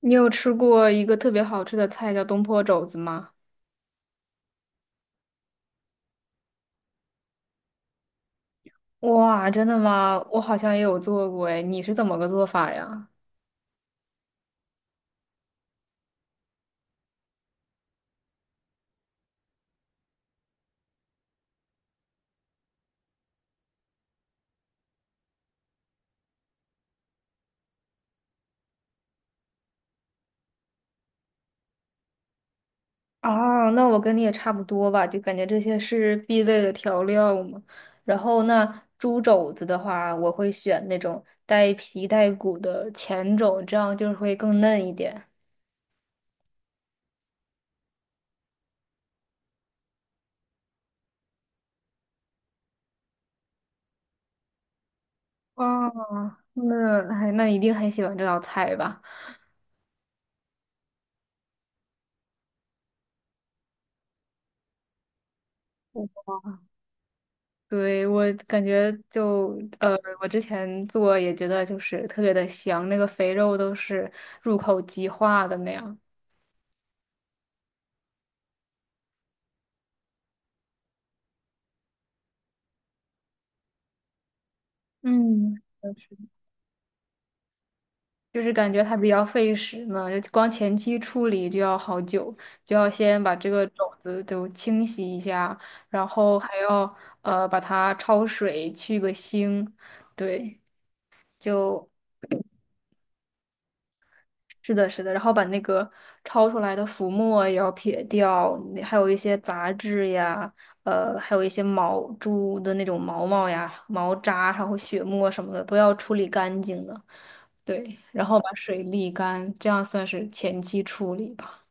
你有吃过一个特别好吃的菜叫东坡肘子吗？哇，真的吗？我好像也有做过哎，你是怎么个做法呀？哦，那我跟你也差不多吧，就感觉这些是必备的调料嘛。然后那猪肘子的话，我会选那种带皮带骨的前肘，这样就是会更嫩一点。哦，那哎，那一定很喜欢这道菜吧？对，我感觉就我之前做也觉得就是特别的香，那个肥肉都是入口即化的那样。嗯，就是感觉它比较费时呢，就光前期处理就要好久，就要先把这个种子都清洗一下，然后还要把它焯水去个腥。对，就是的，是的，然后把那个焯出来的浮沫也要撇掉，那还有一些杂质呀，还有一些毛猪的那种毛毛呀、毛渣，然后血沫什么的都要处理干净的。对，然后把水沥干，这样算是前期处理吧。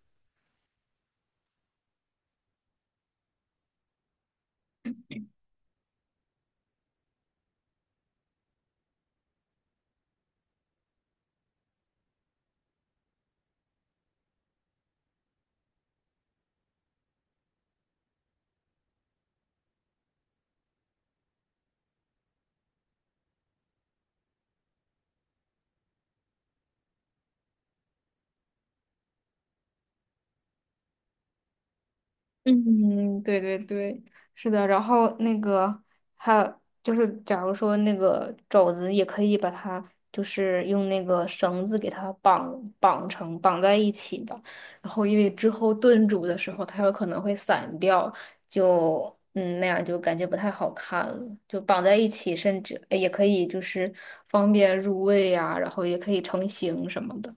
嗯，对对对，是的。然后那个还有就是，假如说那个肘子也可以把它，就是用那个绳子给它绑在一起吧。然后因为之后炖煮的时候，它有可能会散掉，就嗯那样就感觉不太好看了。就绑在一起，甚至也可以就是方便入味呀、然后也可以成型什么的。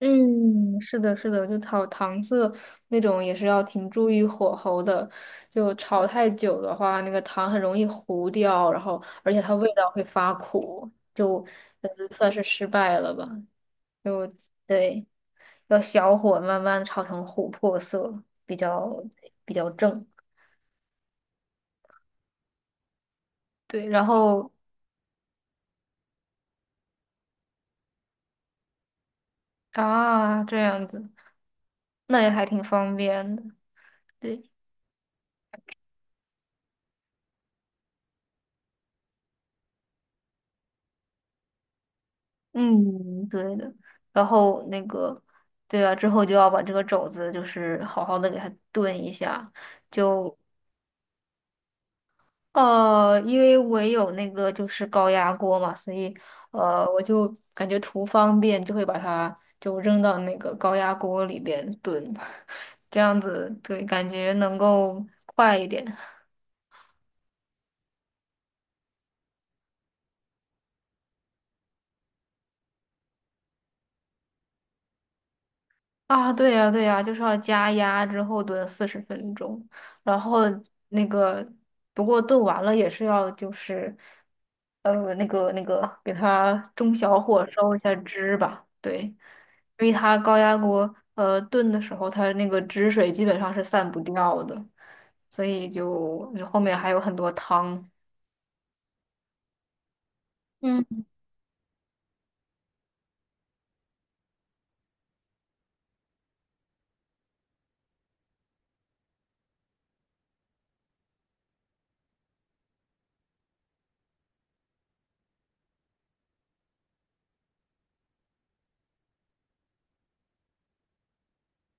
嗯，是的，是的，就炒糖色那种也是要挺注意火候的，就炒太久的话，那个糖很容易糊掉，然后而且它味道会发苦，就呃算是失败了吧。就对，要小火慢慢炒成琥珀色，比较比较正。对，然后啊，这样子，那也还挺方便的。对。嗯，对的。然后那个，对啊，之后就要把这个肘子就是好好的给它炖一下。就因为我也有那个就是高压锅嘛，所以我就感觉图方便，就会把它就扔到那个高压锅里边炖，这样子对，感觉能够快一点。啊，对呀，对呀，就是要加压之后炖40分钟，然后那个，不过炖完了也是要就是，那个，给它中小火烧一下汁吧，对，因为它高压锅炖的时候，它那个汁水基本上是散不掉的，所以就后面还有很多汤。嗯。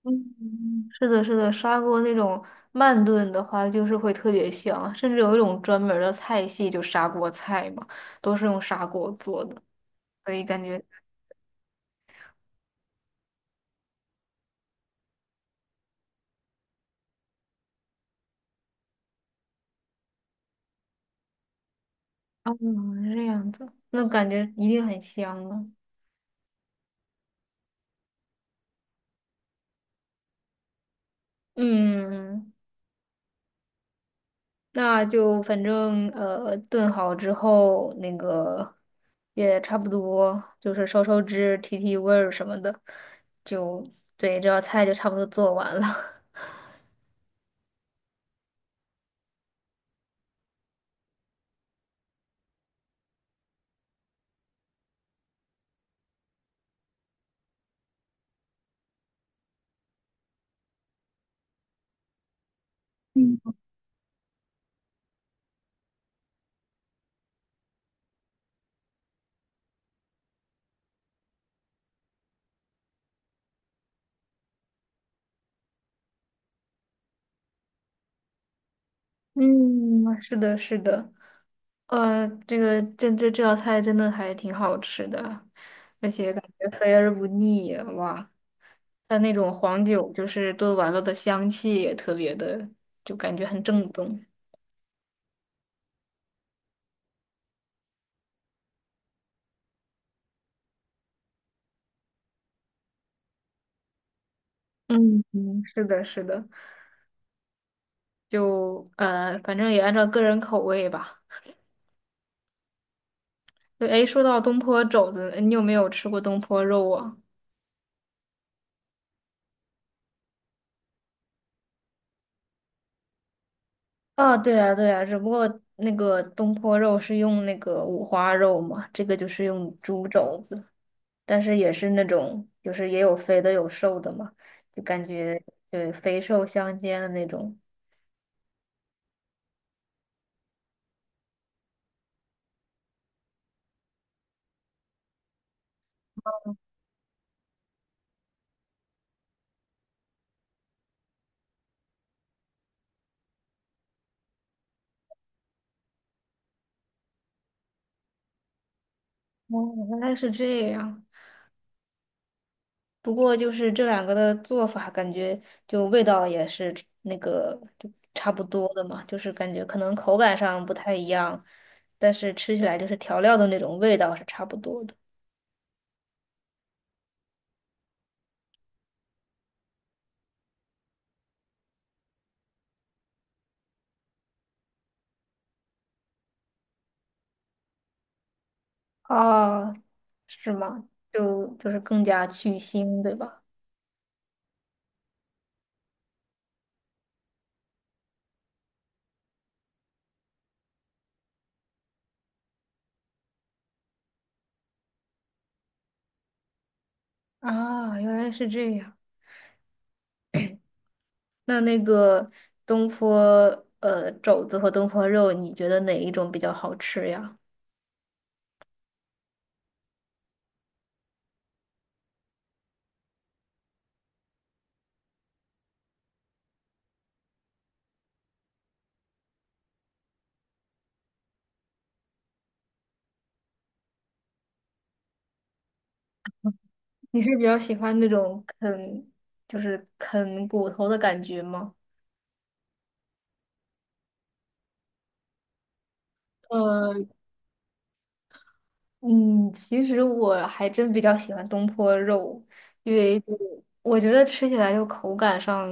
嗯，是的，是的，砂锅那种慢炖的话，就是会特别香，甚至有一种专门儿的菜系，就砂锅菜嘛，都是用砂锅做的，所以感觉，嗯，这样子，那感觉一定很香啊。嗯，那就反正炖好之后，那个也差不多，就是收收汁、提提味儿什么的，就对，这道菜就差不多做完了。嗯，嗯，是的，是的。这个这道菜真的还挺好吃的，而且感觉肥而不腻，哇！它那种黄酒就是炖完了的香气也特别的，就感觉很正宗。嗯嗯，是的，是的，就反正也按照个人口味吧。对，哎，说到东坡肘子，你有没有吃过东坡肉啊？啊，对啊，对啊，只不过那个东坡肉是用那个五花肉嘛，这个就是用猪肘子。但是也是那种，就是也有肥的有瘦的嘛，就感觉对肥瘦相间的那种。哦，原来是这样。不过就是这两个的做法，感觉就味道也是那个就差不多的嘛，就是感觉可能口感上不太一样，但是吃起来就是调料的那种味道是差不多的。哦，是吗？就是更加去腥，对吧？啊，原来是这样。那那个东坡肘子和东坡肉，你觉得哪一种比较好吃呀？你是比较喜欢那种啃，就是啃骨头的感觉吗？呃，嗯，其实我还真比较喜欢东坡肉，因为就我觉得吃起来就口感上，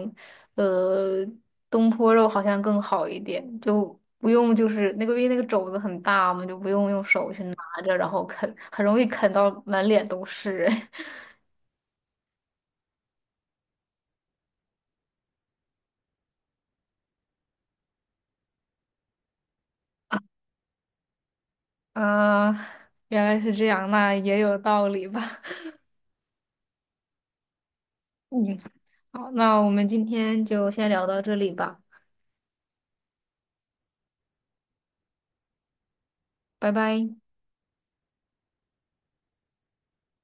呃，东坡肉好像更好一点，就不用就是那个因为那个肘子很大嘛，就不用用手去拿着，然后啃，很容易啃到满脸都是。啊，原来是这样，那也有道理吧。好，那我们今天就先聊到这里吧，拜拜。